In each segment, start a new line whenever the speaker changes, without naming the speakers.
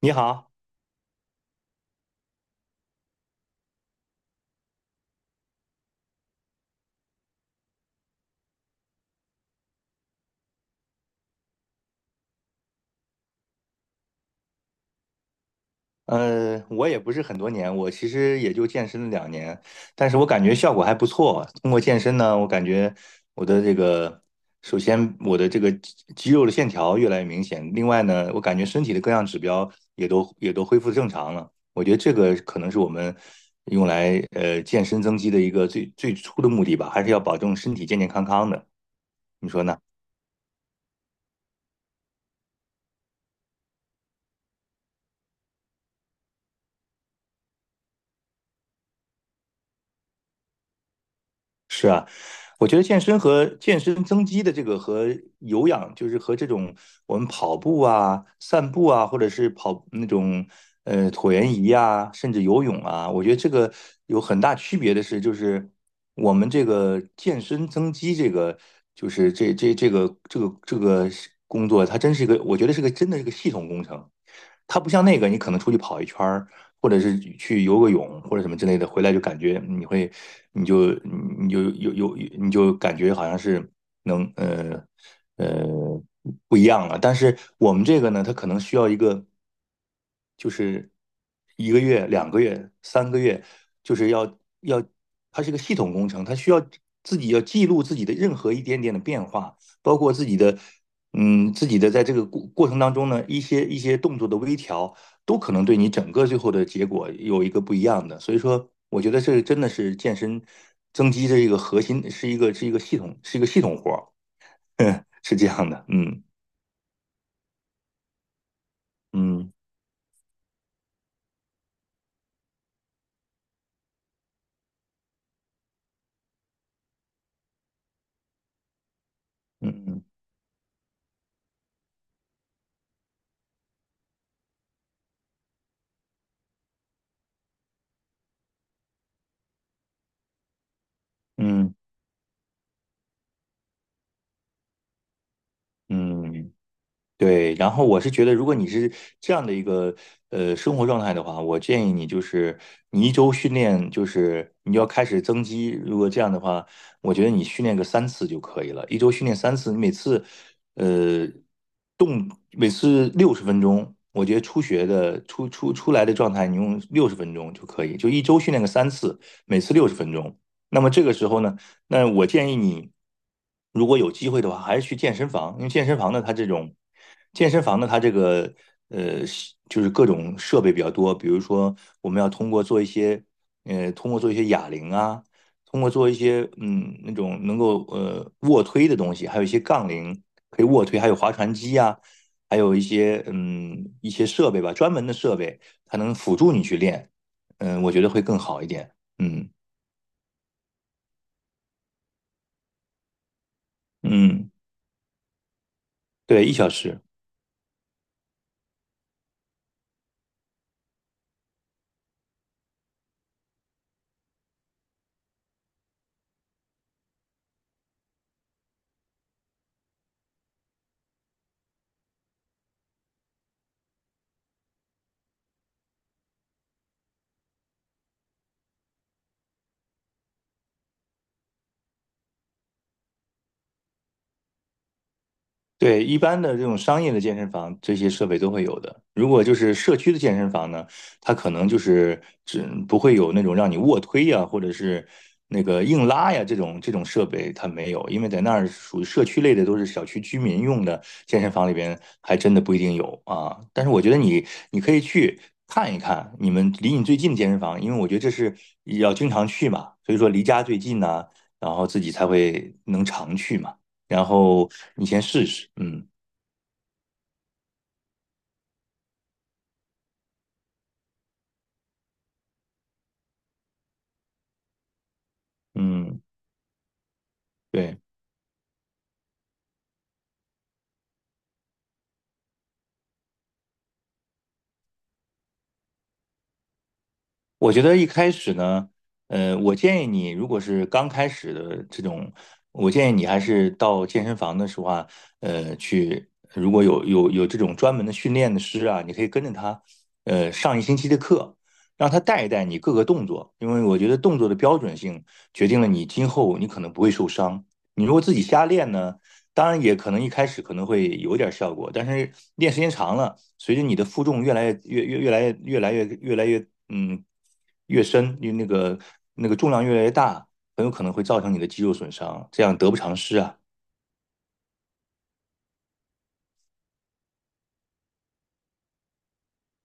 你好，我也不是很多年，我其实也就健身了2年，但是我感觉效果还不错。通过健身呢，我感觉我的这个，首先我的这个肌肉的线条越来越明显，另外呢，我感觉身体的各项指标也都恢复正常了。我觉得这个可能是我们用来健身增肌的一个最初的目的吧，还是要保证身体健健康康的。你说呢？是，我觉得健身和健身增肌的这个和有氧，就是和这种我们跑步啊、散步啊，或者是跑那种椭圆仪啊，甚至游泳啊，我觉得这个有很大区别的是，就是我们这个健身增肌这个，就是这个工作，它真是一个，我觉得真的是个系统工程。它不像那个，你可能出去跑一圈儿，或者是去游个泳或者什么之类的，回来就感觉你会，你就感觉好像是能呃呃不一样了。但是我们这个呢，它可能需要一个，就是1个月、2个月、3个月，就是要，它是个系统工程，它需要自己要记录自己的任何一点点的变化，包括自己的。自己的在这个过程当中呢，一些动作的微调，都可能对你整个最后的结果有一个不一样的。所以说，我觉得这真的是健身增肌的一个核心，是一个系统，是一个系统活儿，是这样的。嗯嗯嗯嗯嗯嗯。对，然后我是觉得，如果你是这样的一个生活状态的话，我建议你就是，你一周训练，就是你要开始增肌。如果这样的话，我觉得你训练个三次就可以了，1周训练3次，你呃每次六十分钟，我觉得初学的出来的状态，你用六十分钟就可以，就1周训练个3次，每次六十分钟。那么这个时候呢？那我建议你，如果有机会的话，还是去健身房，因为健身房呢，它这种健身房呢，它这个呃，就是各种设备比较多，比如说我们要通过做一些哑铃啊，通过做一些那种能够卧推的东西，还有一些杠铃可以卧推，还有划船机啊，还有一些设备吧，专门的设备，它能辅助你去练，我觉得会更好一点，嗯嗯。对，1小时。对，一般的这种商业的健身房，这些设备都会有的。如果就是社区的健身房呢，它可能就是只不会有那种让你卧推呀，或者是那个硬拉呀这种设备，它没有，因为在那儿属于社区类的，都是小区居民用的健身房里边，还真的不一定有啊。但是我觉得你可以去看一看你们离你最近的健身房，因为我觉得这是要经常去嘛，所以说离家最近呢，然后自己才会能常去嘛。然后你先试试，嗯嗯。对，我觉得一开始呢，我建议你，如果是刚开始的这种，我建议你还是到健身房的时候啊，去，如果有这种专门的训练的师啊，你可以跟着他，上1星期的课。让他带一带你各个动作，因为我觉得动作的标准性决定了你今后你可能不会受伤。你如果自己瞎练呢，当然也可能一开始可能会有点效果，但是练时间长了，随着你的负重越来越深，因为那个重量越来越大，很有可能会造成你的肌肉损伤，这样得不偿失啊。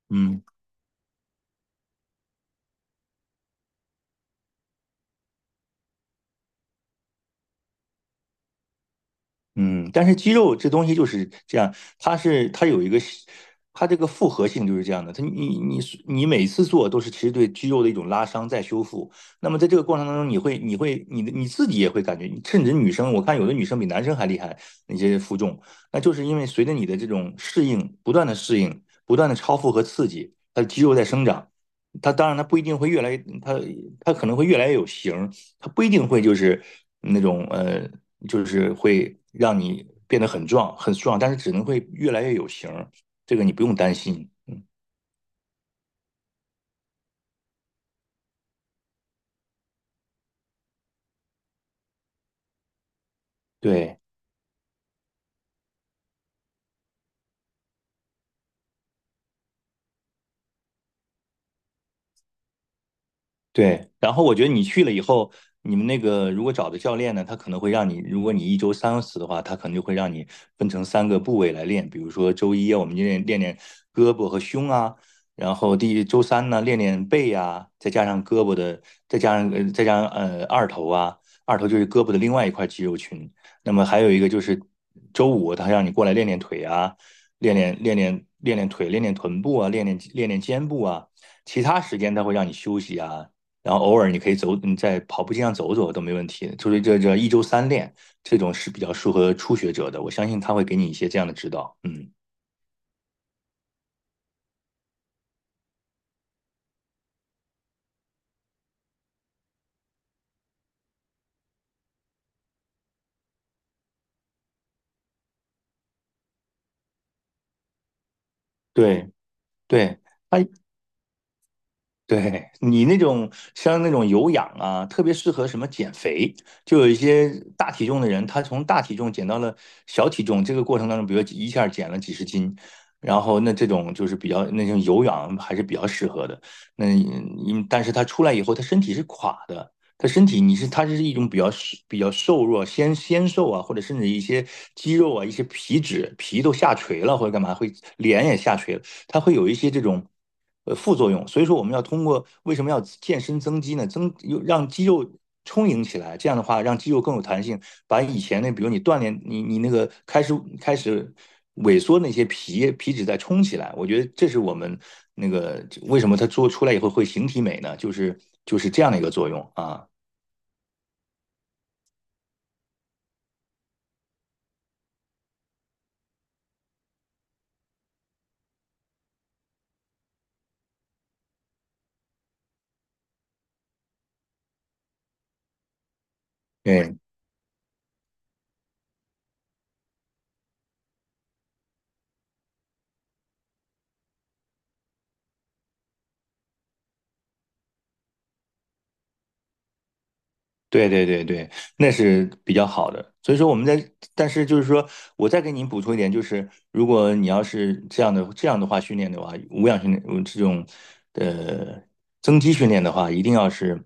嗯。嗯，但是肌肉这东西就是这样，它是它有一个它这个复合性就是这样的。它你你你每次做都是其实对肌肉的一种拉伤再修复。那么在这个过程当中，你自己也会感觉，甚至女生，我看有的女生比男生还厉害，那些负重，那就是因为随着你的这种适应，不断的适应，不断的超负荷刺激，它的肌肉在生长。它当然，它不一定会越来越，它它可能会越来越有型儿，它不一定会就是那种就是会让你变得很壮很壮，但是只能会越来越有型儿，这个你不用担心。嗯。对。对，然后我觉得你去了以后，你们那个如果找的教练呢，他可能会让你，如果你1周3次的话，他可能就会让你分成三个部位来练，比如说周一啊我们就练胳膊和胸啊，然后周三呢练练背啊，再加上胳膊的，再加上二头啊，二头就是胳膊的另外一块肌肉群，那么还有一个就是周五他让你过来练练腿啊，练腿，练练臀部啊，练肩部啊。其他时间他会让你休息啊，然后偶尔你可以走，你在跑步机上走走都没问题。就是这一周三练这种是比较适合初学者的，我相信他会给你一些这样的指导。嗯。对对，他，对你那种像那种有氧啊，特别适合什么减肥，就有一些大体重的人，他从大体重减到了小体重，这个过程当中，比如一下减了几十斤，然后那这种就是比较，那种有氧还是比较适合的。那你，但是他出来以后，他身体是垮的，他身体你是他是一种比较瘦弱，纤纤瘦啊，或者甚至一些肌肉啊、一些皮脂皮都下垂了，或者干嘛会脸也下垂了。它会有一些这种副作用。所以说，我们要通过，为什么要健身增肌呢？增又让肌肉充盈起来，这样的话让肌肉更有弹性，把以前那比如你锻炼你那个开始萎缩那些皮脂再充起来。我觉得这是我们那个为什么它做出来以后会形体美呢？就是这样的一个作用啊。对。对对对对，那是比较好的。所以说我们在，但是就是说，我再给您补充一点，就是如果你要是这样的话训练的话，无氧训练，这种呃增肌训练的话，一定要是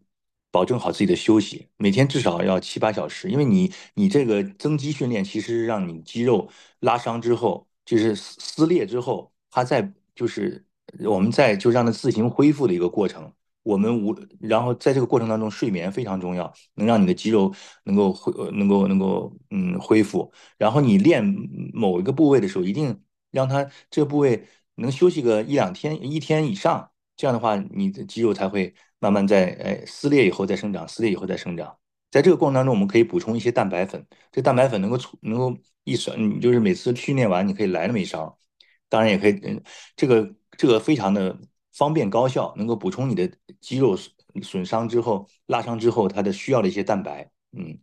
保证好自己的休息，每天至少要7-8小时，因为你这个增肌训练其实让你肌肉拉伤之后，就是撕裂之后，它在，就是我们在就让它自行恢复的一个过程。我们无，然后在这个过程当中，睡眠非常重要。能让你的肌肉能够恢，呃能够能够嗯恢复。然后你练某一个部位的时候，一定让它这个部位能休息个1-2天、一天以上，这样的话，你的肌肉才会慢慢，撕裂以后再生长，撕裂以后再生长。在这个过程当中，我们可以补充一些蛋白粉，这蛋白粉能够，一勺，你就是每次训练完你可以来那么一勺，当然也可以。嗯，这个非常的方便高效，能够补充你的肌肉损伤之后、拉伤之后它的需要的一些蛋白，嗯，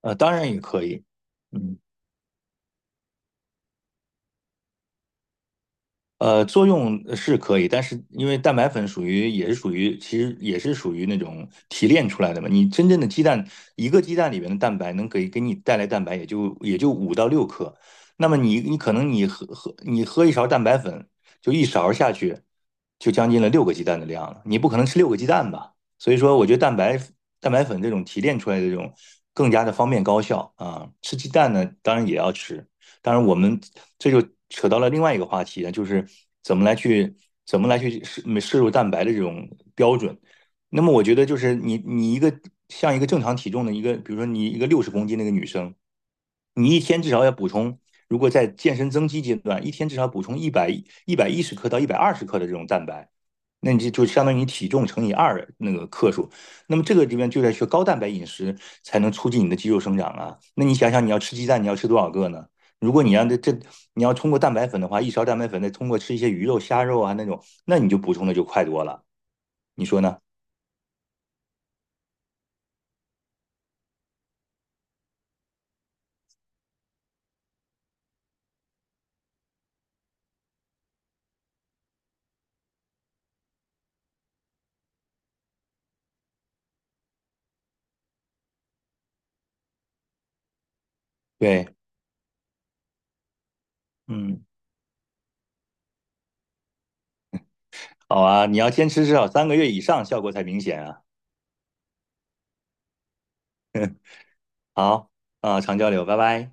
呃，当然也可以。嗯。作用是可以，但是因为蛋白粉属于也是属于，其实也是属于那种提炼出来的嘛。你真正的鸡蛋，一个鸡蛋里面的蛋白能给你带来蛋白，也就5-6克。那么你你可能你喝喝你喝一勺蛋白粉，就一勺下去，就将近了六个鸡蛋的量了。你不可能吃六个鸡蛋吧？所以说，我觉得蛋白粉这种提炼出来的这种更加的方便高效啊。吃鸡蛋呢，当然也要吃，当然，我们这就扯到了另外一个话题，就是怎么来去怎么来去摄入蛋白的这种标准。那么我觉得就是你你一个像一个正常体重的一个，比如说你一个60公斤那个女生，你一天至少要补充，如果在健身增肌阶段，一天至少补充110克到120克的这种蛋白，那你就相当于你体重乘以二那个克数。那么这个里面就在学高蛋白饮食，才能促进你的肌肉生长啊。那你想想你要吃鸡蛋，你要吃多少个呢？如果你让你要通过蛋白粉的话，一勺蛋白粉再通过吃一些鱼肉、虾肉啊那种，那你就补充的就快多了，你说呢？对。嗯，好啊，你要坚持至少三个月以上，效果才明显啊。好啊，常交流，拜拜。